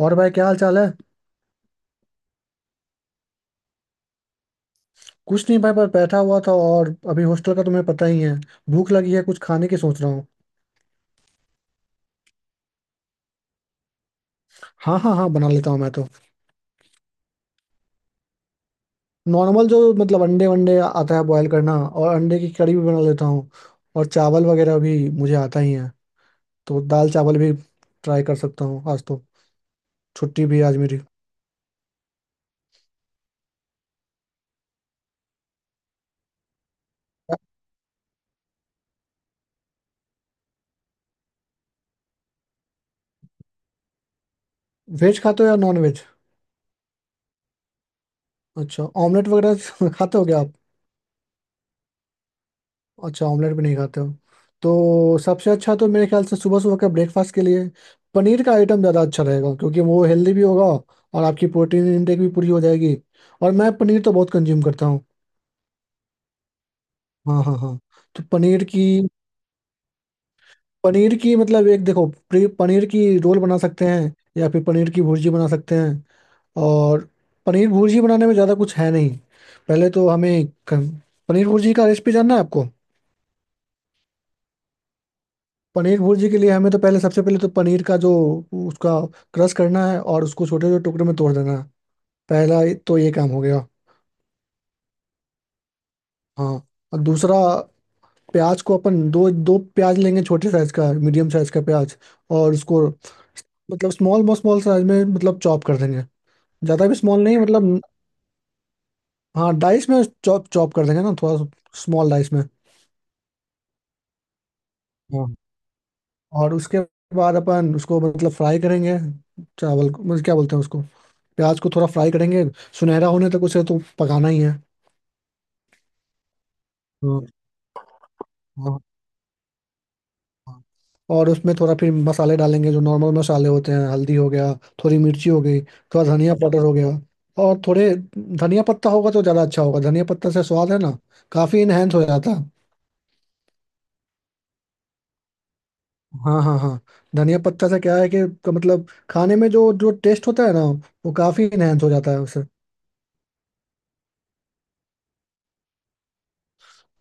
और भाई, क्या हाल चाल है। कुछ नहीं भाई, बस बैठा हुआ था और अभी हॉस्टल का तुम्हें पता ही है। भूख लगी है, कुछ खाने की सोच रहा हूँ। हाँ हाँ हाँ, बना लेता हूँ मैं तो। नॉर्मल जो मतलब अंडे वंडे आता है बॉयल करना, और अंडे की कड़ी भी बना लेता हूँ। और चावल वगैरह भी मुझे आता ही है, तो दाल चावल भी ट्राई कर सकता हूँ आज तो। छुट्टी भी है आज मेरी। वेज खाते हो या नॉन वेज? अच्छा, ऑमलेट वगैरह खाते हो क्या आप? अच्छा, ऑमलेट भी नहीं खाते हो। तो सबसे अच्छा तो मेरे ख्याल से सुबह सुबह का ब्रेकफास्ट के लिए पनीर का आइटम ज़्यादा अच्छा रहेगा, क्योंकि वो हेल्दी भी होगा और आपकी प्रोटीन इनटेक भी पूरी हो जाएगी। और मैं पनीर तो बहुत कंज्यूम करता हूँ। हाँ हाँ हाँ। तो पनीर की मतलब, एक देखो, पनीर की रोल बना सकते हैं, या फिर पनीर की भुर्जी बना सकते हैं। और पनीर भुर्जी बनाने में ज़्यादा कुछ है नहीं। पहले तो हमें पनीर भुर्जी का रेसिपी जानना है आपको? पनीर भुर्जी के लिए हमें तो पहले, सबसे पहले तो पनीर का जो उसका क्रश करना है और उसको छोटे छोटे टुकड़े में तोड़ देना है। पहला, तो ये काम हो गया। हाँ। और दूसरा, प्याज को अपन दो दो प्याज लेंगे, छोटे साइज का, मीडियम साइज का प्याज, और उसको मतलब स्मॉल स्मॉल साइज में मतलब चॉप कर देंगे। ज़्यादा भी स्मॉल नहीं मतलब। हाँ, डाइस में चॉप चॉप कर देंगे ना थोड़ा, स्मॉल डाइस में। हाँ। और उसके बाद अपन उसको मतलब फ्राई करेंगे। चावल को, मतलब क्या बोलते हैं उसको, प्याज को थोड़ा फ्राई करेंगे। सुनहरा होने तक उसे तो पकाना ही है। हाँ। हाँ। हाँ। और उसमें थोड़ा फिर मसाले डालेंगे, जो नॉर्मल मसाले होते हैं, हल्दी हो गया, थोड़ी मिर्ची हो गई, थोड़ा धनिया पाउडर हो गया। और थोड़े धनिया पत्ता होगा तो ज़्यादा अच्छा होगा, धनिया पत्ता से स्वाद है ना काफ़ी इनहेंस हो जाता है। हाँ हाँ हाँ। धनिया पत्ता से क्या है कि, मतलब खाने में जो जो टेस्ट होता है ना, वो काफ़ी इनहेंस हो जाता है उससे।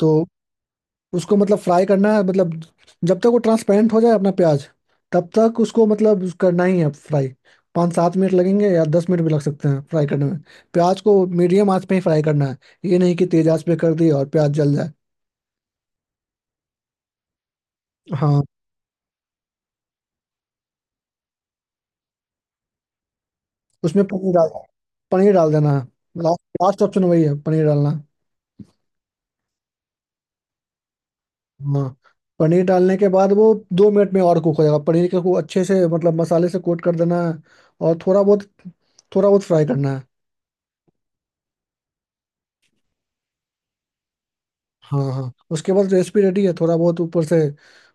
तो उसको मतलब फ्राई करना है, मतलब जब तक वो ट्रांसपेरेंट हो जाए अपना प्याज, तब तक उसको मतलब करना ही है फ्राई। 5-7 मिनट लगेंगे, या 10 मिनट भी लग सकते हैं फ्राई करने में। प्याज को मीडियम आंच पे ही फ्राई करना है। ये नहीं कि तेज आंच पे कर दी और प्याज जल जाए। हाँ। उसमें पनीर डाल देना है। लास्ट लास्ट ऑप्शन वही है, पनीर डालना है। हाँ। पनीर डालने के बाद वो 2 मिनट में और कुक हो जाएगा, पनीर के को अच्छे से मतलब मसाले से कोट कर देना है। और थोड़ा बहुत फ्राई करना है। हाँ हाँ। उसके बाद रेसिपी रेडी है। थोड़ा बहुत ऊपर से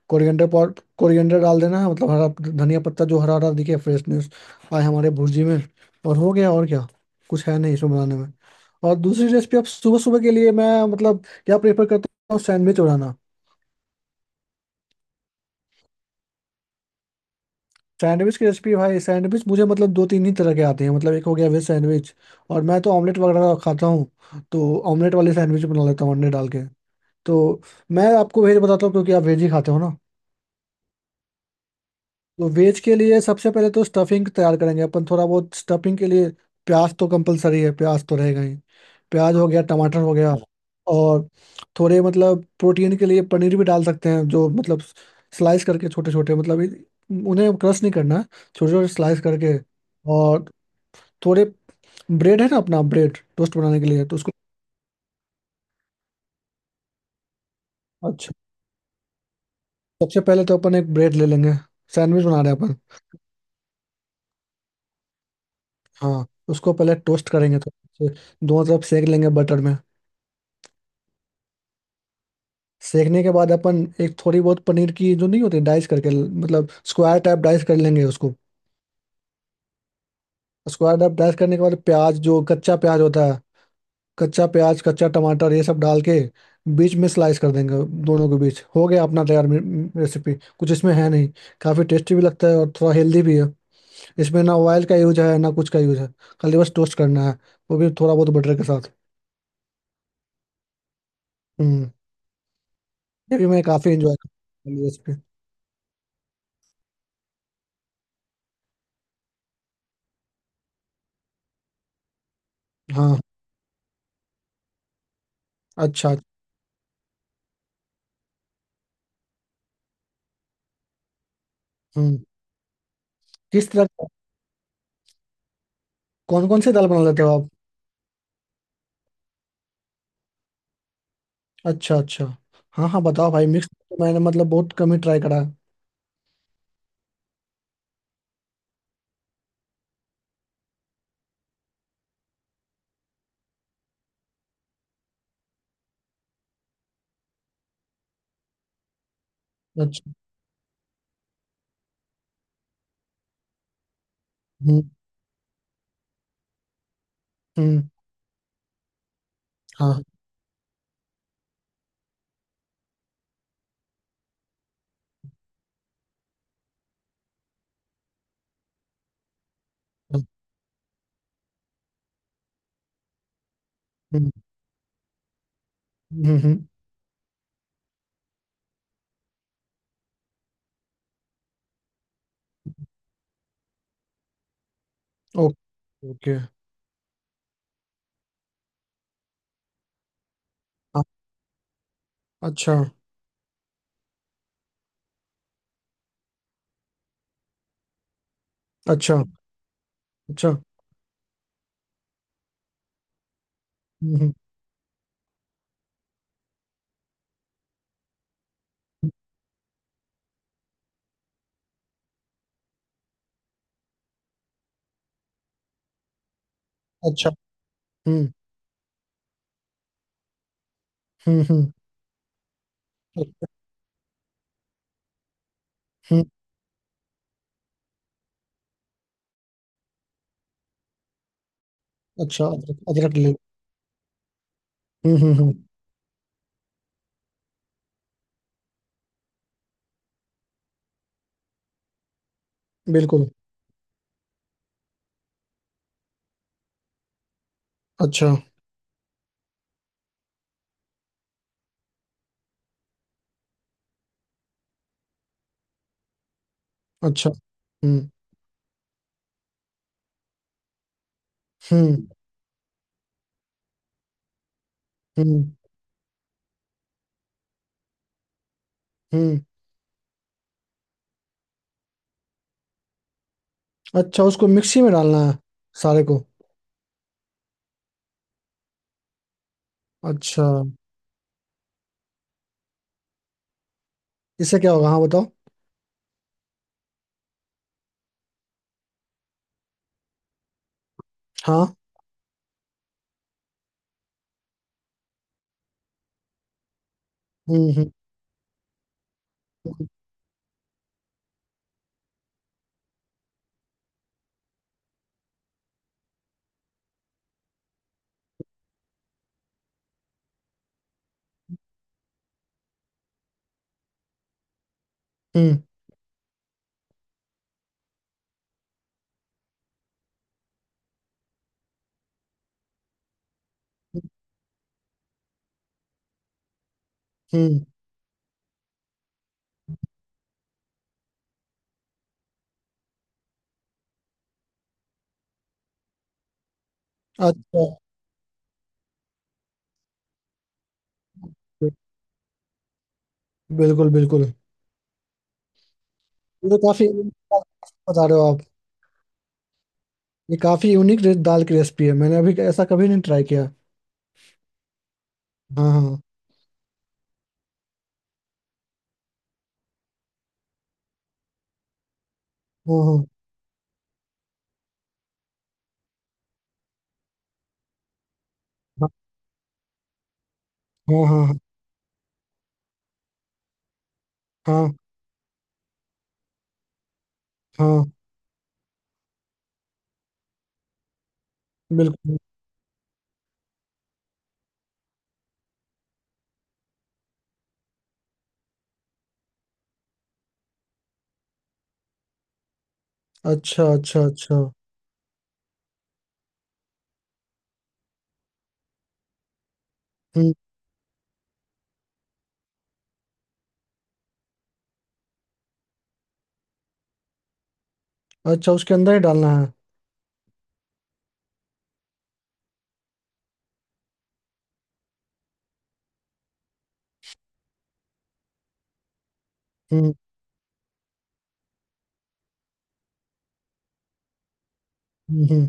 कोरिएंडर पाउडर, कोरिएंडर डाल देना है, मतलब हरा धनिया पत्ता, जो हरा हरा दिखे, फ्रेशनेस आए हमारे भुर्जी में। और हो गया, और क्या, कुछ है नहीं इसमें बनाने में। और दूसरी रेसिपी, आप सुबह सुबह के लिए, मैं मतलब क्या प्रेफर करता हूँ, सैंडविच बनाना। सैंडविच की रेसिपी भाई, सैंडविच मुझे मतलब दो तीन ही तरह के आते हैं। मतलब एक हो गया वेज सैंडविच, और मैं तो ऑमलेट वगैरह खाता हूँ तो ऑमलेट वाले सैंडविच बना लेता हूँ अंडे डाल के। तो मैं आपको वेज बताता हूँ, क्योंकि आप वेज ही खाते हो। तो वेज के लिए सबसे पहले तो स्टफिंग तैयार करेंगे अपन, थोड़ा बहुत स्टफिंग के लिए। प्याज तो कंपलसरी है, प्याज तो रहेगा ही। प्याज हो गया, टमाटर हो गया। और थोड़े मतलब प्रोटीन के लिए पनीर भी डाल सकते हैं, जो मतलब स्लाइस करके छोटे छोटे, मतलब उन्हें क्रश नहीं करना, छोटे छोटे स्लाइस करके। और थोड़े ब्रेड है ना अपना, ब्रेड टोस्ट बनाने के लिए तो उसको। अच्छा। सबसे पहले तो अपन एक ब्रेड ले लेंगे, सैंडविच बना रहे हैं अपन। हाँ, उसको पहले टोस्ट करेंगे तो दोनों तरफ सेक लेंगे बटर में। सेकने के बाद अपन एक थोड़ी बहुत पनीर की जो नहीं होती, डाइस करके मतलब स्क्वायर टाइप डाइस कर लेंगे उसको। स्क्वायर टाइप डाइस करने के बाद प्याज जो कच्चा प्याज होता है, कच्चा प्याज, कच्चा टमाटर, ये सब डाल के बीच में स्लाइस कर देंगे। दोनों के बीच हो गया अपना तैयार रेसिपी। कुछ इसमें है नहीं। काफ़ी टेस्टी भी लगता है, और थोड़ा हेल्दी भी है। इसमें ना ऑयल का यूज है, ना कुछ का यूज है। खाली बस टोस्ट करना है, वो भी थोड़ा बहुत बटर के साथ। हम्म। ये भी मैं काफ़ी इंजॉय करता हूँ रेसिपी। हाँ, अच्छा। हम्म। किस तरह, कौन कौन सी दाल बना लेते हो आप? अच्छा अच्छा। हाँ हाँ, बताओ भाई, मिक्स तो मैंने मतलब बहुत कम ही ट्राई करा है। अच्छा। हम्म हम्म। हाँ हाँ। हम्म हम्म। Okay okay. हाँ। अच्छा अच्छा अच्छा। हम्म। अच्छा। हम्म हम्म हम्म हम्म। अच्छा, अदरक, अदरक ले। हम्म। बिल्कुल। अच्छा अच्छा। हम्म हम्म हम्म हम्म। अच्छा, उसको मिक्सी में डालना है सारे को? अच्छा। इससे क्या होगा? हाँ बताओ। हाँ। हम्म हम्म हम्म हम्म। अच्छा। बिल्कुल बिल्कुल। ये तो काफी बता रहे हो आप। ये काफी यूनिक दाल की रेसिपी है, मैंने अभी ऐसा कभी नहीं ट्राई किया। हाँ हाँ। हाँ। हाँ हाँ। हाँ हाँ। हाँ। हाँ। बिल्कुल। अच्छा अच्छा अच्छा। हम्म। अच्छा, उसके अंदर ही डालना है? हम्म हम्म हम्म।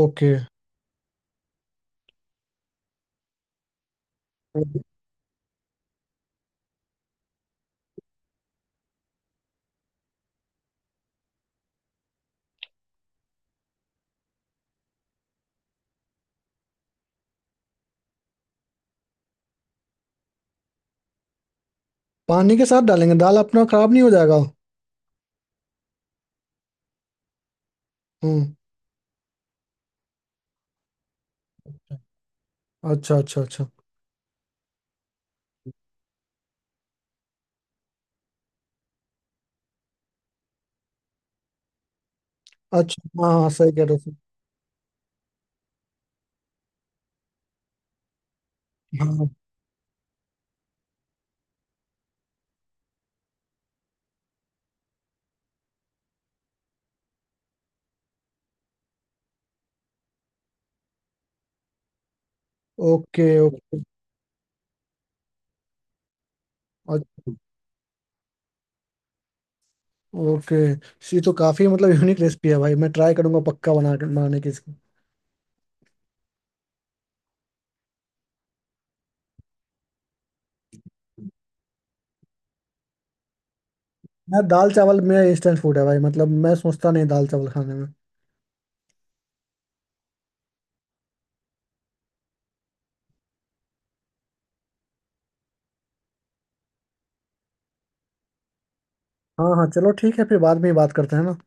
ओके। पानी के साथ डालेंगे दाल, अपना खराब नहीं हो जाएगा? हम्म। अच्छा अच्छा अच्छा। अच्छा, हाँ हाँ, सही कह रहे हो। हाँ। Okay okay. अच्छा। ओके। ये तो काफी मतलब यूनिक रेसिपी है भाई, मैं ट्राई करूंगा पक्का बनाने की। मैं दाल चावल मेरा इंस्टेंट फूड है भाई, मतलब मैं सोचता नहीं दाल चावल खाने में। हाँ हाँ, चलो ठीक है, फिर बाद में ही बात करते हैं ना।